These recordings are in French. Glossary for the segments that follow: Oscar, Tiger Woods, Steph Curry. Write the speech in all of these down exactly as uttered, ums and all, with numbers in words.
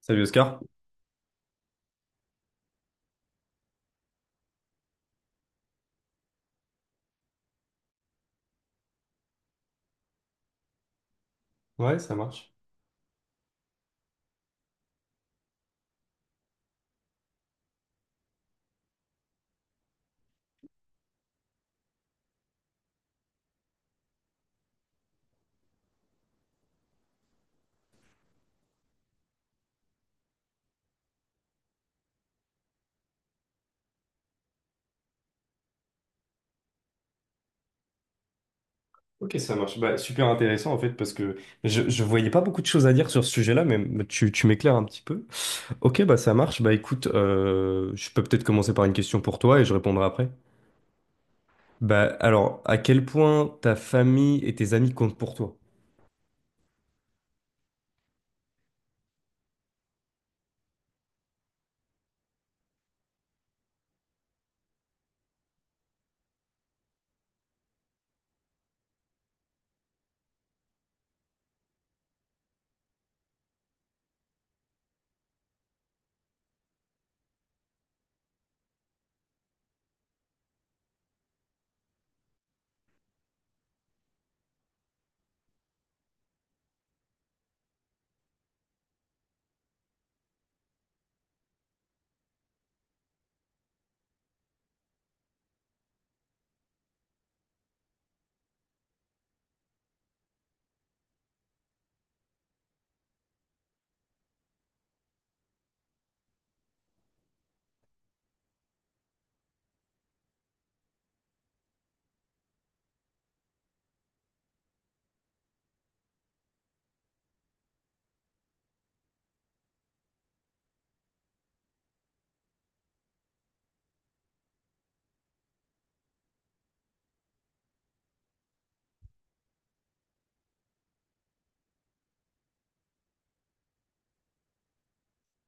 Salut Oscar. Ouais, ça marche. Ok, ça marche. Bah, super intéressant en fait parce que je, je voyais pas beaucoup de choses à dire sur ce sujet-là, mais m- tu, tu m'éclaires un petit peu. Ok, bah ça marche. Bah écoute, euh, je peux peut-être commencer par une question pour toi et je répondrai après. Bah alors, à quel point ta famille et tes amis comptent pour toi?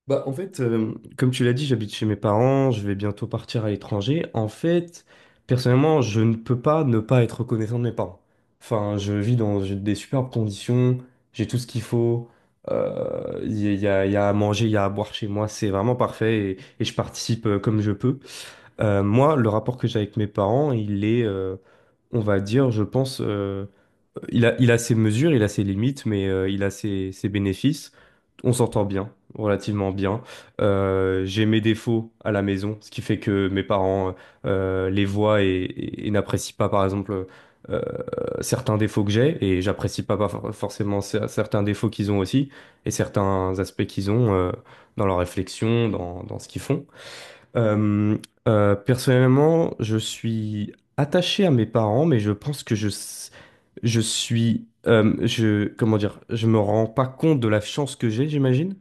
Bah, en fait, euh, comme tu l'as dit, j'habite chez mes parents, je vais bientôt partir à l'étranger. En fait, personnellement, je ne peux pas ne pas être reconnaissant de mes parents. Enfin, je vis dans des superbes conditions, j'ai tout ce qu'il faut, euh, il y, a, il y a- il y a à manger, il y a à boire chez moi, c'est vraiment parfait, et, et je participe euh, comme je peux. Euh, moi, le rapport que j'ai avec mes parents, il est, euh, on va dire, je pense, euh, il a, il a ses mesures, il a ses limites, mais euh, il a ses, ses bénéfices. On s'entend bien, relativement bien. Euh, j'ai mes défauts à la maison, ce qui fait que mes parents euh, les voient et, et- et n'apprécient pas, par exemple, euh, certains défauts que j'ai, et j'apprécie pas, pas for- forcément cer- certains défauts qu'ils ont aussi, et certains aspects qu'ils ont euh, dans leur réflexion, dans, dans ce qu'ils font. Euh, euh, personnellement, je suis attaché à mes parents, mais je pense que je, s- je suis, euh, je, comment dire, je me rends pas compte de la chance que j'ai, j'imagine.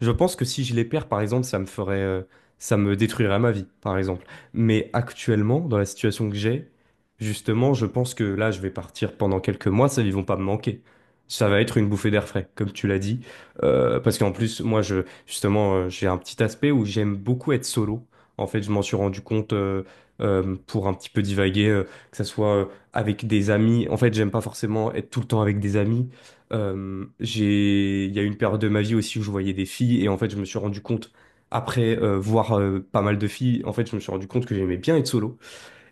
Je pense que si je les perds, par exemple, ça me ferait, euh, ça me détruirait ma vie, par exemple. Mais actuellement, dans la situation que j'ai, justement, je pense que là, je vais partir pendant quelques mois, ça, ils vont pas me manquer. Ça va être une bouffée d'air frais, comme tu l'as dit. Euh, parce qu'en plus, moi, je, justement, euh, j'ai un petit aspect où j'aime beaucoup être solo. En fait, je m'en suis rendu compte euh, euh, pour un petit peu divaguer, euh, que ça soit euh, avec des amis. En fait, j'aime pas forcément être tout le temps avec des amis. Euh, j'ai, il y a eu une période de ma vie aussi où je voyais des filles et en fait, je me suis rendu compte après euh, voir euh, pas mal de filles. En fait, je me suis rendu compte que j'aimais bien être solo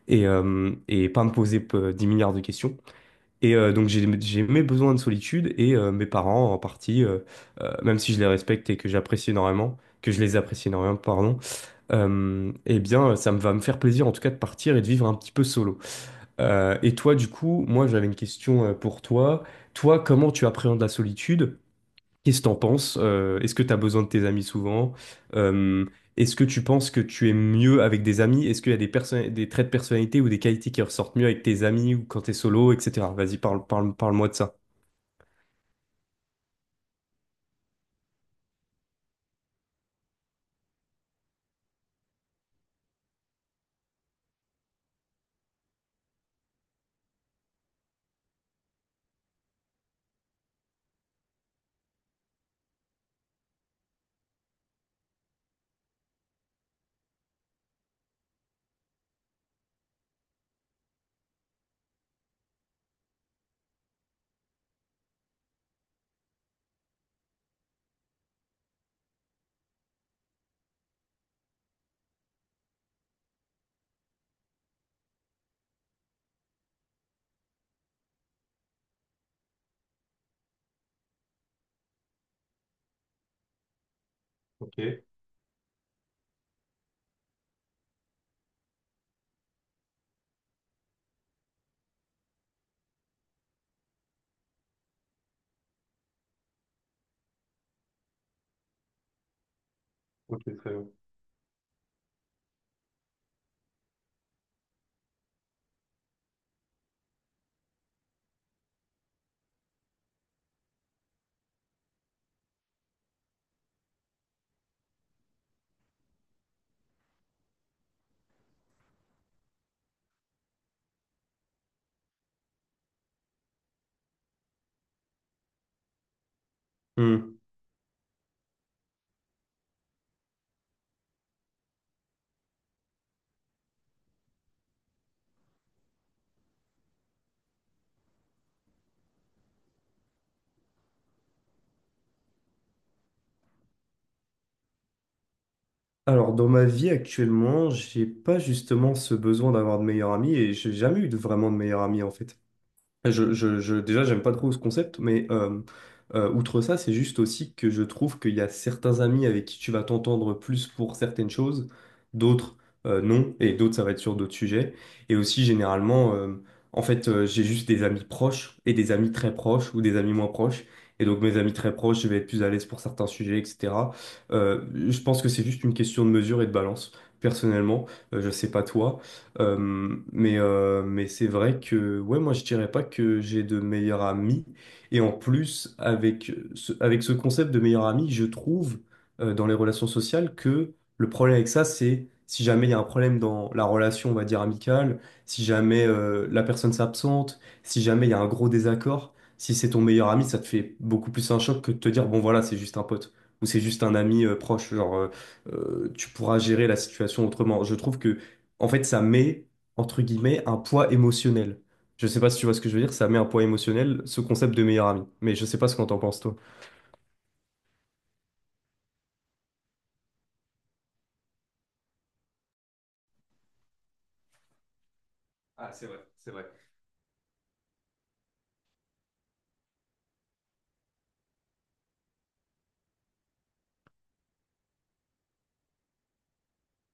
et euh, et pas me poser euh, dix milliards de questions. Et euh, donc, j'ai j'ai mes besoins de solitude et euh, mes parents en partie, euh, euh, même si je les respecte et que j'apprécie énormément, que je les apprécie énormément, pardon, euh, eh bien, ça me va me faire plaisir en tout cas de partir et de vivre un petit peu solo. Euh, et toi, du coup, moi j'avais une question euh, pour toi. Toi, comment tu appréhendes la solitude? Qu'est-ce que t'en penses? Euh, est-ce que t'as besoin de tes amis souvent? Euh, Est-ce que tu penses que tu es mieux avec des amis? Est-ce qu'il y a des perso- des traits de personnalité ou des qualités qui ressortent mieux avec tes amis ou quand t'es solo, et cetera. Vas-y, parle, parle, parle-moi de ça. Ok, ok, très bien. Alors, dans ma vie actuellement, j'ai pas justement ce besoin d'avoir de meilleurs amis et j'ai jamais eu de, vraiment de meilleurs amis en fait. Je, je, je- déjà, j'aime pas trop ce concept, mais euh, euh, outre ça, c'est juste aussi que je trouve qu'il y a certains amis avec qui tu vas t'entendre plus pour certaines choses, d'autres euh, non, et d'autres ça va être sur d'autres sujets. Et aussi, généralement, euh, en fait, euh, j'ai juste des amis proches et des amis très proches ou des amis moins proches. Et donc, mes amis très proches, je vais être plus à l'aise pour certains sujets, et cetera. Euh, je pense que c'est juste une question de mesure et de balance, personnellement. Euh, je sais pas toi. Euh, mais euh, mais c'est vrai que ouais, moi je dirais pas que j'ai de meilleurs amis. Et en plus, avec ce, avec ce concept de meilleur ami, je trouve euh, dans les relations sociales que le problème avec ça, c'est si jamais il y a un problème dans la relation, on va dire amicale, si jamais euh, la personne s'absente, si jamais il y a un gros désaccord, si c'est ton meilleur ami, ça te fait beaucoup plus un choc que de te dire bon voilà, c'est juste un pote. Ou c'est juste un ami euh, proche, genre euh, euh, tu pourras gérer la situation autrement. Je trouve que en fait, ça met, entre guillemets, un poids émotionnel. Je sais pas si tu vois ce que je veux dire, ça met un poids émotionnel, ce concept de meilleur ami. Mais je sais pas ce qu'on t'en pense, toi.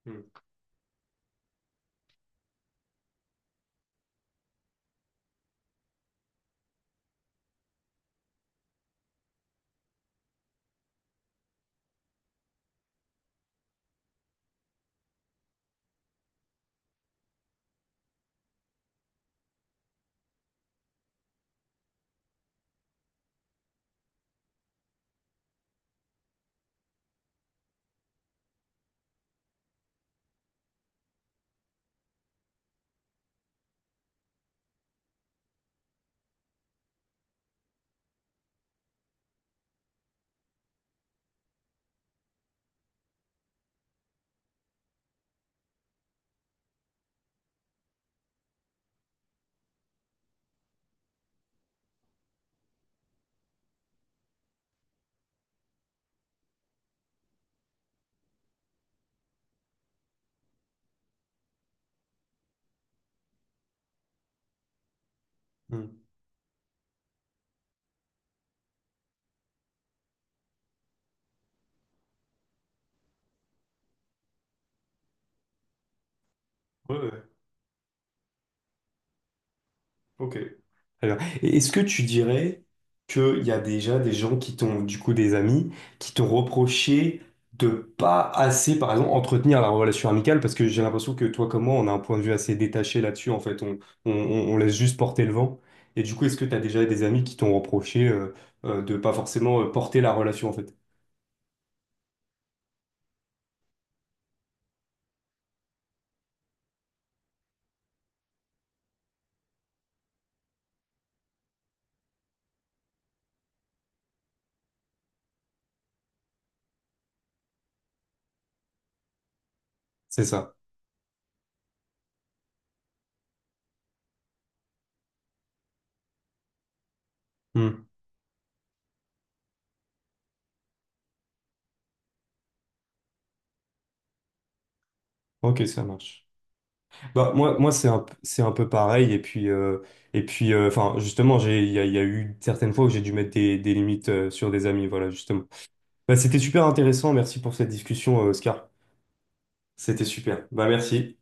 Mm, mm. Ouais, ouais. Ok. Très bien. Et est-ce que tu dirais qu'il y a déjà des gens qui t'ont, du coup, des amis, qui t'ont reproché de pas assez, par exemple, entretenir la relation amicale? Parce que j'ai l'impression que toi, comme moi, on a un point de vue assez détaché là-dessus. En fait, on, on, on- on laisse juste porter le vent. Et du coup, est-ce que tu as déjà des amis qui t'ont reproché euh, euh, de pas forcément euh, porter la relation, en fait? C'est ça. Hmm. Ok, ça marche. Bah, moi, moi c'est un, c'est un peu pareil. Et puis, euh, et puis euh, enfin, justement, j'ai, il y a, il y a eu certaines fois où j'ai dû mettre des, des limites euh, sur des amis. Voilà, justement. Bah, c'était super intéressant. Merci pour cette discussion, euh, Oscar. C'était super. Bah, merci.